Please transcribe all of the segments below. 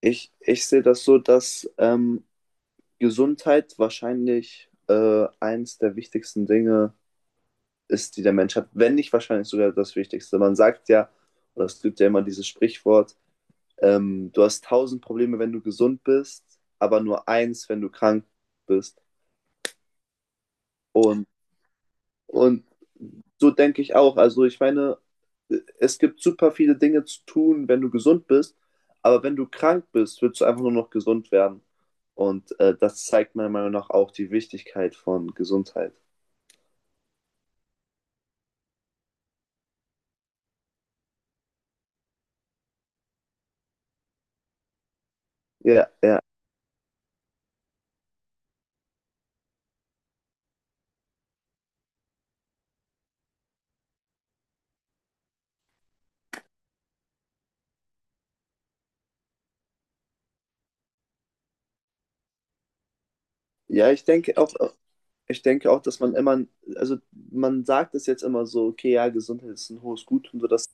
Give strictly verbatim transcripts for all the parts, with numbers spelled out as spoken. Ich, ich sehe das so, dass ähm, Gesundheit wahrscheinlich äh, eines der wichtigsten Dinge ist, die der Mensch hat, wenn nicht wahrscheinlich sogar das Wichtigste. Man sagt ja, oder es gibt ja immer dieses Sprichwort, ähm, du hast tausend Probleme, wenn du gesund bist, aber nur eins, wenn du krank bist. Und Und so denke ich auch. Also ich meine, es gibt super viele Dinge zu tun, wenn du gesund bist, aber wenn du krank bist, willst du einfach nur noch gesund werden. Und äh, das zeigt meiner Meinung nach auch die Wichtigkeit von Gesundheit. Ja, ja. Ja, ich denke auch, ich denke auch, dass man immer, also man sagt es jetzt immer so, okay, ja, Gesundheit ist ein hohes Gut und so das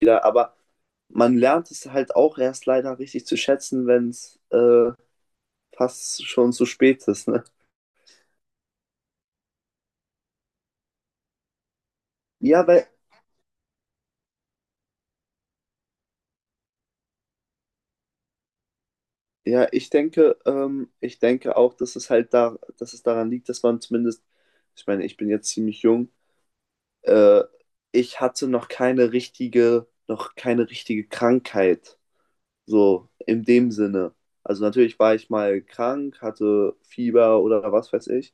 wieder, aber man lernt es halt auch erst leider richtig zu schätzen, wenn es äh, fast schon zu spät ist, ne? Ja, weil Ja, ich denke, ähm, ich denke auch, dass es halt da, dass es daran liegt, dass man zumindest, ich meine, ich bin jetzt ziemlich jung, äh, ich hatte noch keine richtige, noch keine richtige Krankheit, so in dem Sinne. Also natürlich war ich mal krank, hatte Fieber oder was weiß ich,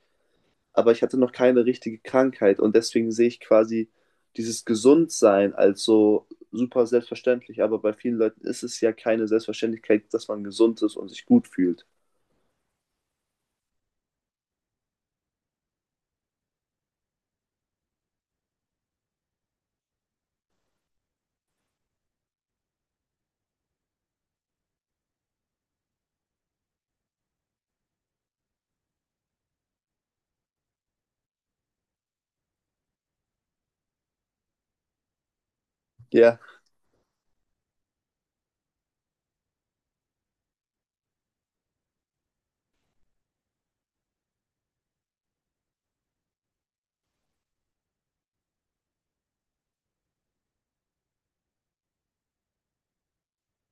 aber ich hatte noch keine richtige Krankheit und deswegen sehe ich quasi dieses Gesundsein als so super selbstverständlich, aber bei vielen Leuten ist es ja keine Selbstverständlichkeit, dass man gesund ist und sich gut fühlt. Ja.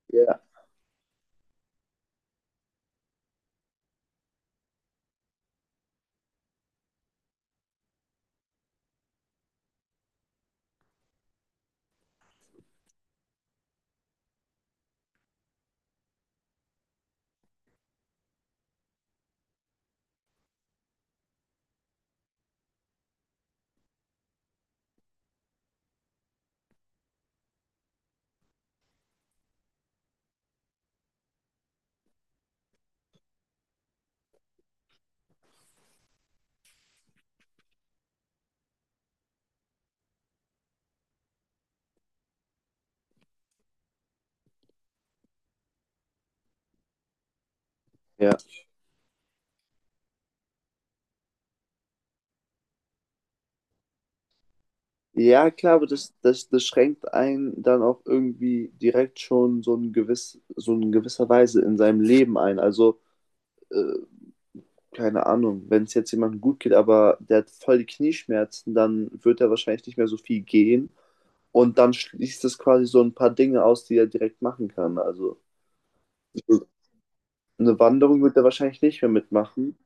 Ja, ja. Ja, klar, aber das, das, das schränkt einen dann auch irgendwie direkt schon so ein gewiss, so in gewisser Weise in seinem Leben ein. Also, äh, keine Ahnung, wenn es jetzt jemandem gut geht, aber der hat voll die Knieschmerzen, dann wird er wahrscheinlich nicht mehr so viel gehen. Und dann schließt es quasi so ein paar Dinge aus, die er direkt machen kann. Also, eine Wanderung wird er wahrscheinlich nicht mehr mitmachen.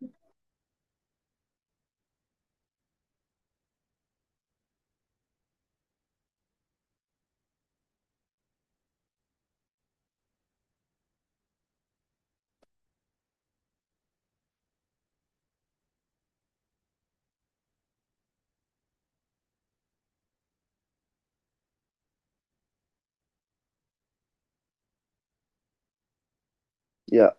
Ja,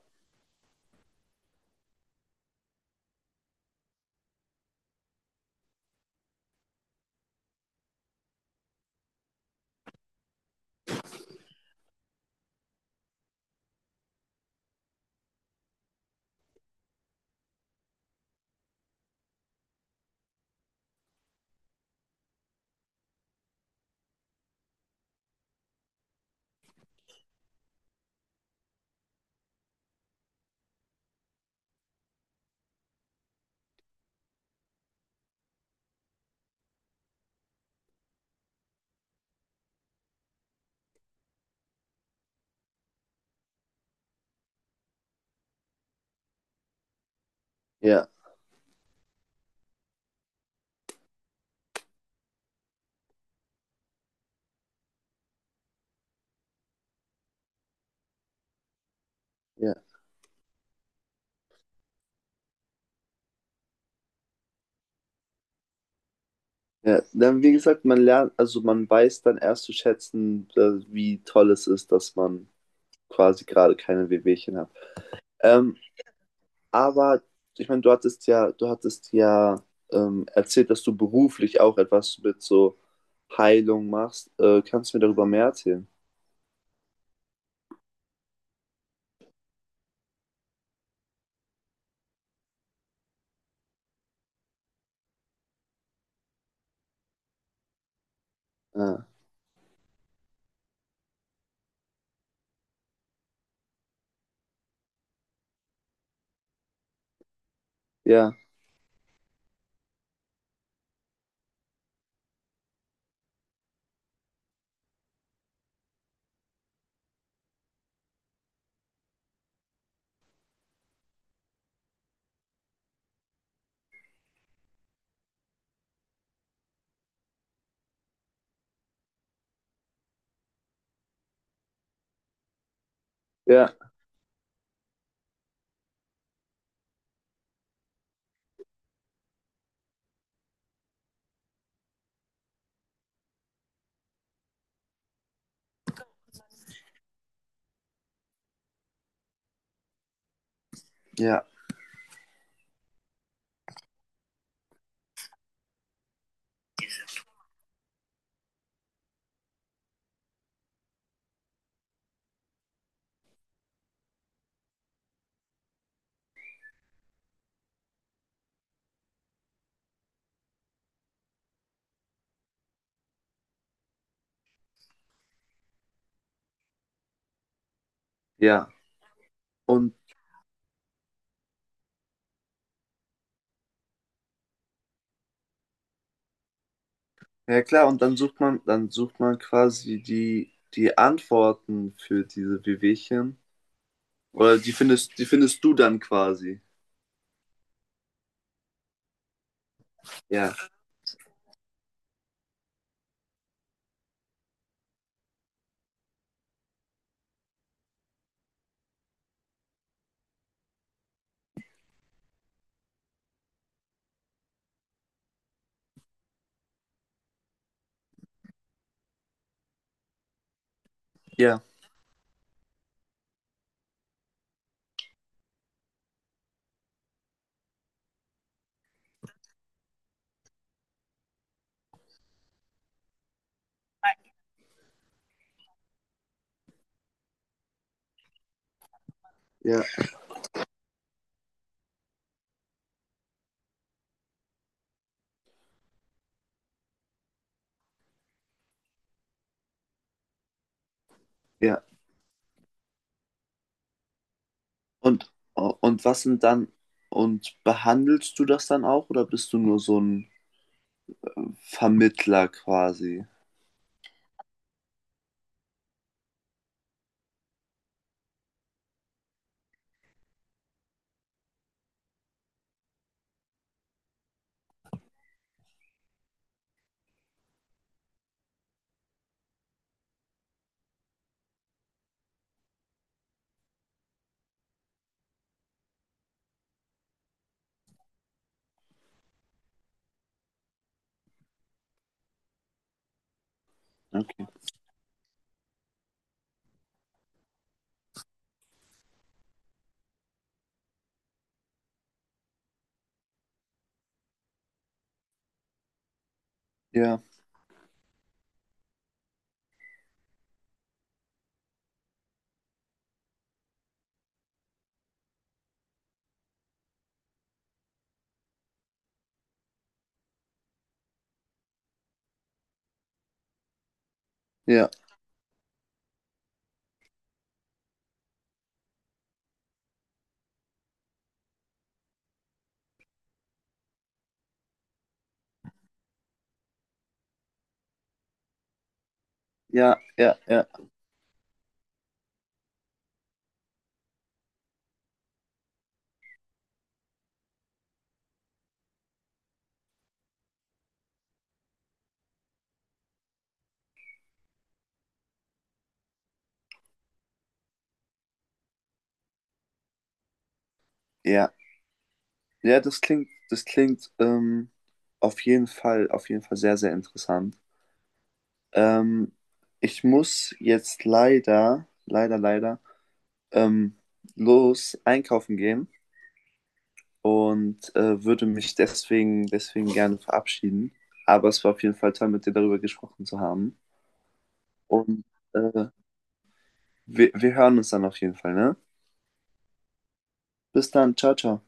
ja, ja. Ja, dann, wie gesagt, man lernt, also man weiß dann erst zu schätzen, äh, wie toll es ist, dass man quasi gerade keine Wehwehchen hat. Ähm, aber ich meine, du hattest ja, du hattest ja ähm, erzählt, dass du beruflich auch etwas mit so Heilung machst. Äh, kannst du mir darüber mehr erzählen? Ah, ja, ja, ja, ja. Und ja klar, und dann sucht man, dann sucht man quasi die, die Antworten für diese Wehwehchen. Oder die findest, die findest du dann quasi. Ja, ja, ja, ja. Und, und was sind dann, und behandelst du das dann auch oder bist du nur so ein Vermittler quasi? Okay. Ja, ja, ja, ja, ja, ja. Ja, das klingt, das klingt ähm, auf jeden Fall, auf jeden Fall sehr, sehr interessant. Ähm, ich muss jetzt leider, leider, leider, ähm, los einkaufen gehen. Und äh, würde mich deswegen, deswegen gerne verabschieden. Aber es war auf jeden Fall toll, mit dir darüber gesprochen zu haben. Und äh, wir, wir hören uns dann auf jeden Fall, ne? Bis dann, ciao, ciao.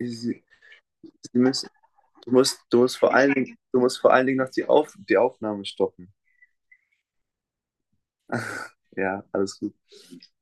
Sie, Sie müssen, du musst, du musst vor allen Dingen, du musst vor allen Dingen noch die Auf, die Aufnahme stoppen. Ja, alles gut.